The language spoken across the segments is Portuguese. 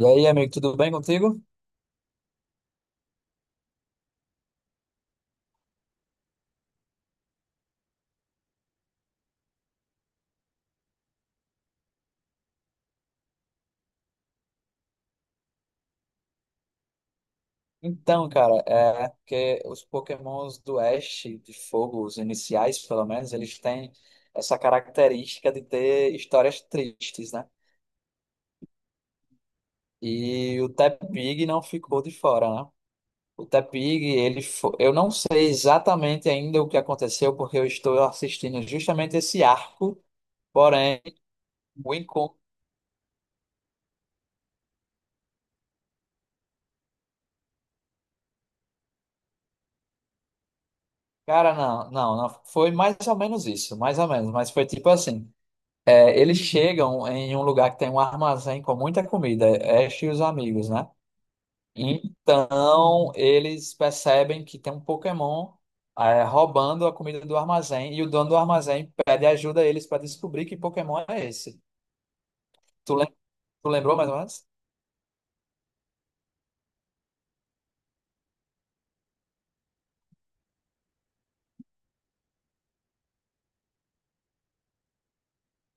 E aí, amigo, tudo bem contigo? Então, cara, é porque os Pokémons do Oeste de Fogo, os iniciais, pelo menos, eles têm essa característica de ter histórias tristes, né? E o Tepig não ficou de fora, né? O Tepig, eu não sei exatamente ainda o que aconteceu, porque eu estou assistindo justamente esse arco, porém, o encontro. Cara, não, não, não, foi mais ou menos isso, mais ou menos, mas foi tipo assim. É, eles chegam em um lugar que tem um armazém com muita comida, Ash e os amigos, né? Então eles percebem que tem um Pokémon é, roubando a comida do armazém e o dono do armazém pede ajuda a eles para descobrir que Pokémon é esse. Tu, lem- tu lembrou mais ou menos?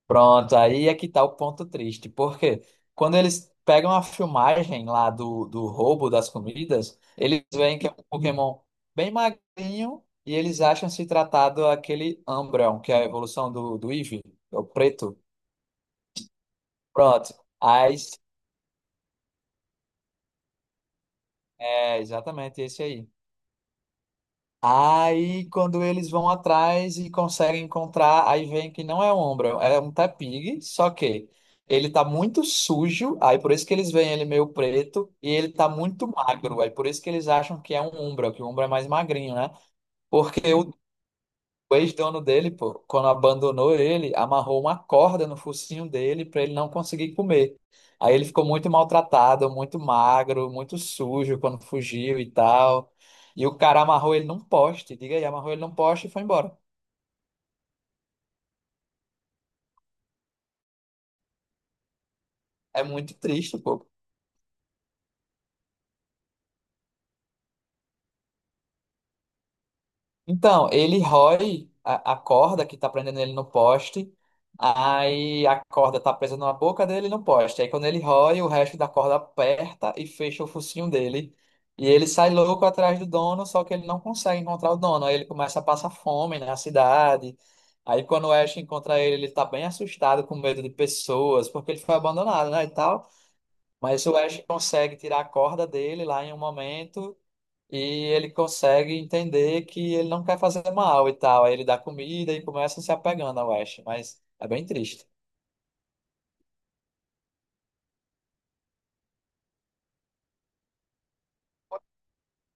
Pronto, aí é que tá o ponto triste, porque quando eles pegam a filmagem lá do roubo das comidas, eles veem que é um Pokémon bem magrinho e eles acham se tratado aquele Umbreon, que é a evolução do Eevee, é o preto. Pronto, aí, é exatamente esse aí. Aí, quando eles vão atrás e conseguem encontrar, aí vem que não é um Umbra, é um tapig, só que ele tá muito sujo, aí por isso que eles veem ele meio preto, e ele tá muito magro, aí por isso que eles acham que é um Umbra, que o Umbra é mais magrinho, né? Porque o ex-dono dele, pô, quando abandonou ele, amarrou uma corda no focinho dele para ele não conseguir comer. Aí ele ficou muito maltratado, muito magro, muito sujo quando fugiu e tal. E o cara amarrou ele num poste, diga aí, amarrou ele num poste e foi embora. É muito triste, pô. Então, ele rói a corda que tá prendendo ele no poste, aí a corda tá presa na boca dele e no poste. Aí quando ele rói, o resto da corda aperta e fecha o focinho dele. E ele sai louco atrás do dono, só que ele não consegue encontrar o dono. Aí ele começa a passar fome na cidade. Aí quando o Ash encontra ele, ele tá bem assustado, com medo de pessoas, porque ele foi abandonado, né, e tal. Mas o Ash consegue tirar a corda dele lá em um momento e ele consegue entender que ele não quer fazer mal e tal. Aí ele dá comida e começa a se apegando ao Ash, mas é bem triste.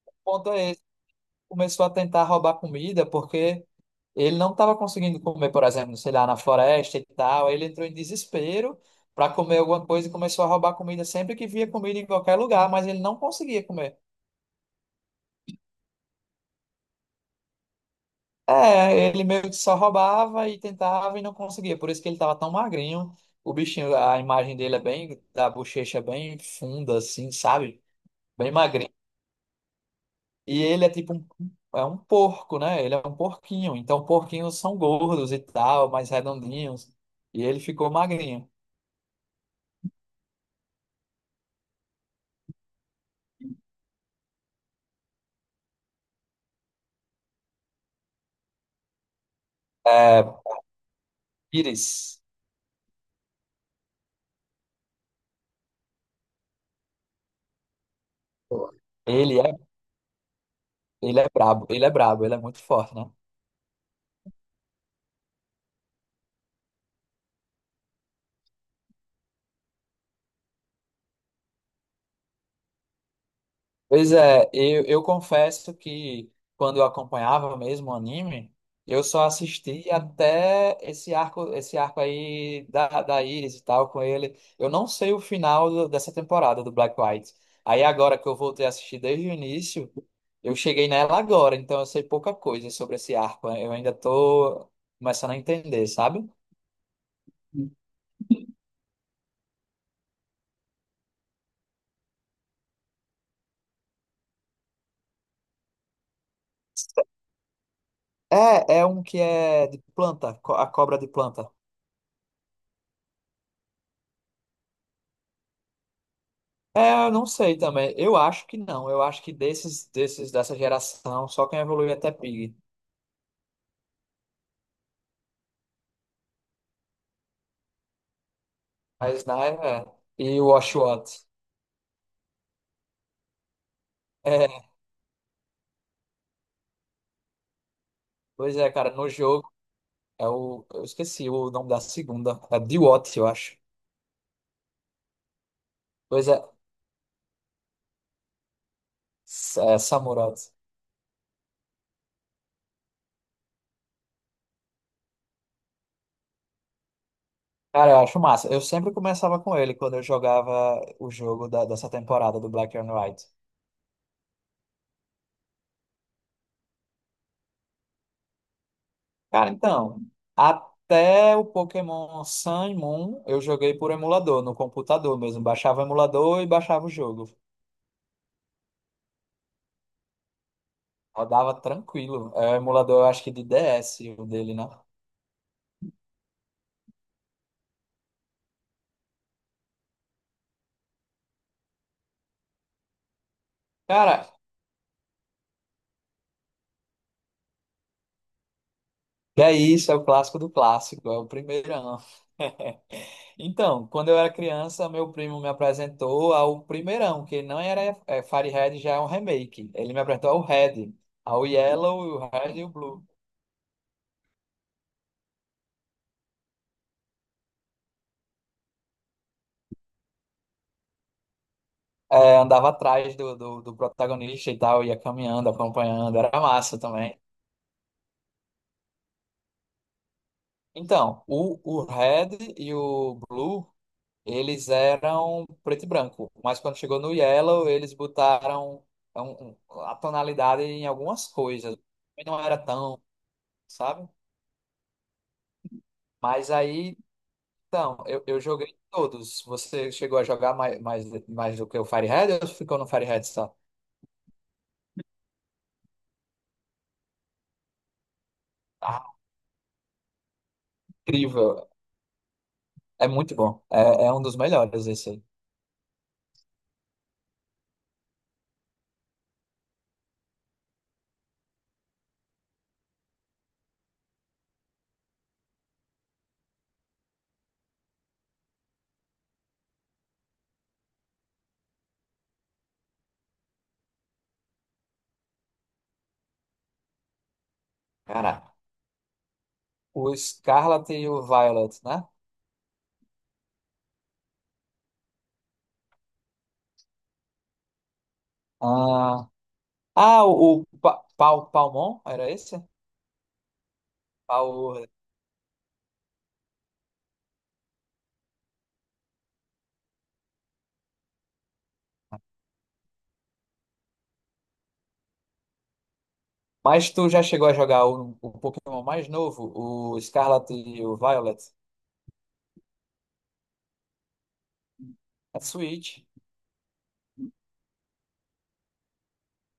O ponto é esse, começou a tentar roubar comida porque ele não estava conseguindo comer, por exemplo, sei lá, na floresta e tal. Aí ele entrou em desespero para comer alguma coisa e começou a roubar comida sempre que via comida em qualquer lugar, mas ele não conseguia comer. É, ele meio que só roubava e tentava e não conseguia. Por isso que ele tava tão magrinho. O bichinho, a imagem dele é bem, da bochecha é bem funda, assim, sabe? Bem magrinho. E ele é tipo um, é um porco, né? Ele é um porquinho. Então, porquinhos são gordos e tal, mais redondinhos. E ele ficou magrinho. É, Pires, ele é, ele é brabo, ele é brabo, ele é muito forte, né? Pois é, eu confesso que quando eu acompanhava mesmo o anime, eu só assisti até esse arco aí da Iris e tal com ele. Eu não sei o final dessa temporada do Black White. Aí agora que eu voltei a assistir desde o início, eu cheguei nela agora, então eu sei pouca coisa sobre esse arco. Eu ainda tô começando a entender, sabe? É, é um que é de planta, a cobra de planta. É, eu não sei também. Eu acho que não. Eu acho que desses, desses dessa geração, só quem evolui até Pig. A Sniper é. E o Oshawott. É, pois é, cara, no jogo é o. Eu esqueci o nome da segunda. É Diwatt, eu acho. Pois é, é Samurott. Cara, eu acho massa. Eu sempre começava com ele quando eu jogava o jogo dessa temporada do Black and White. Cara, então, até o Pokémon Sun e Moon eu joguei por emulador, no computador mesmo. Baixava o emulador e baixava o jogo. Rodava tranquilo. É o emulador, eu acho que de DS, o dele, né? Cara, que é isso, é o clássico do clássico, é o primeirão. Então, quando eu era criança, meu primo me apresentou ao primeirão, que não era é, Fire Red, já é um remake. Ele me apresentou ao Red, ao Yellow, o Red e o Blue. É, andava atrás do protagonista e tal, ia caminhando, acompanhando, era massa também. Então, o Red e o Blue, eles eram preto e branco, mas quando chegou no Yellow, eles botaram a tonalidade em algumas coisas, e não era tão, sabe? Mas aí, então, eu joguei todos. Você chegou a jogar mais, mais, mais do que o Fire Red ou ficou no Fire Red só? Ah, incrível, é muito bom, é, é um dos melhores esse aí. Cara, o Scarlet e o Violet, né? Ah, ah o Pal, Palmon, era esse? Pal. Mas tu já chegou a jogar o Pokémon mais novo, o Scarlet e o Violet? É Switch.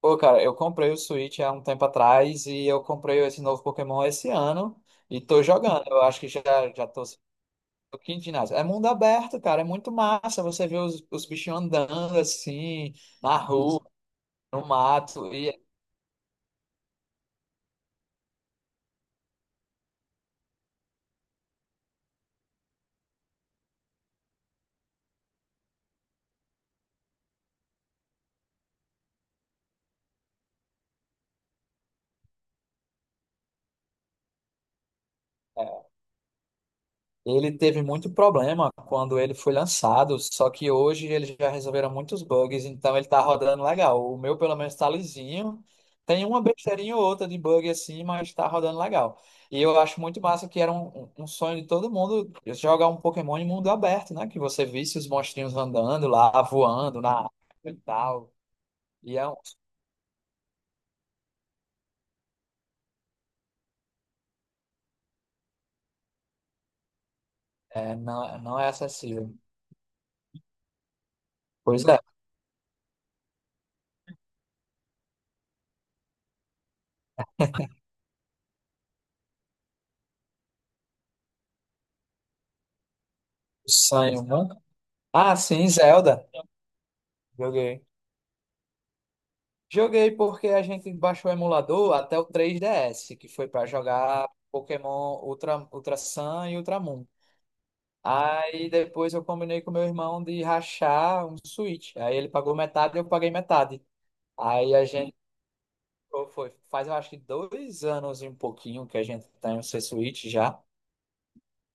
Pô, cara, eu comprei o Switch há um tempo atrás e eu comprei esse novo Pokémon esse ano e tô jogando. Eu acho que já tô no quinto ginásio. É mundo aberto, cara, é muito massa. Você vê os bichinhos andando assim, na rua, no mato. E é. Ele teve muito problema quando ele foi lançado, só que hoje eles já resolveram muitos bugs, então ele tá rodando legal. O meu, pelo menos, tá lisinho. Tem uma besteirinha ou outra de bug assim, mas tá rodando legal. E eu acho muito massa que era um, um sonho de todo mundo jogar um Pokémon em mundo aberto, né? Que você visse os monstrinhos andando lá, voando na água e tal. E é, um- não, não é acessível. Pois é, o sonho, né? Ah, sim, Zelda. Joguei. Joguei porque a gente baixou o emulador até o 3DS, que foi para jogar Pokémon Ultra, Ultra Sun e Ultra Moon. Aí depois eu combinei com meu irmão de rachar um Switch. Aí ele pagou metade e eu paguei metade. Aí a gente pô, foi, faz eu acho que 2 anos e um pouquinho que a gente tem o seu Switch já.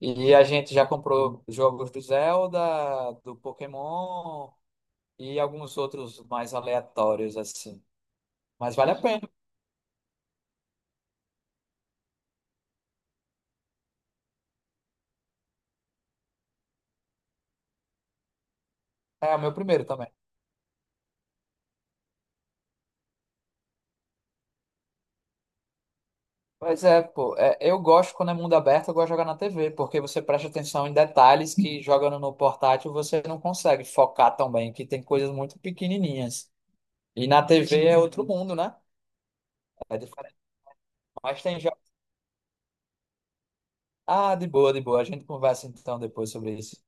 E a gente já comprou jogos do Zelda, do Pokémon e alguns outros mais aleatórios assim. Mas vale a pena. É o meu primeiro também. Pois é, pô. É, eu gosto quando é mundo aberto, eu gosto de jogar na TV, porque você presta atenção em detalhes que jogando no portátil você não consegue focar tão bem, que tem coisas muito pequenininhas. E na TV é outro mundo, né? É diferente. Mas tem jogos. Ah, de boa, de boa. A gente conversa então depois sobre isso.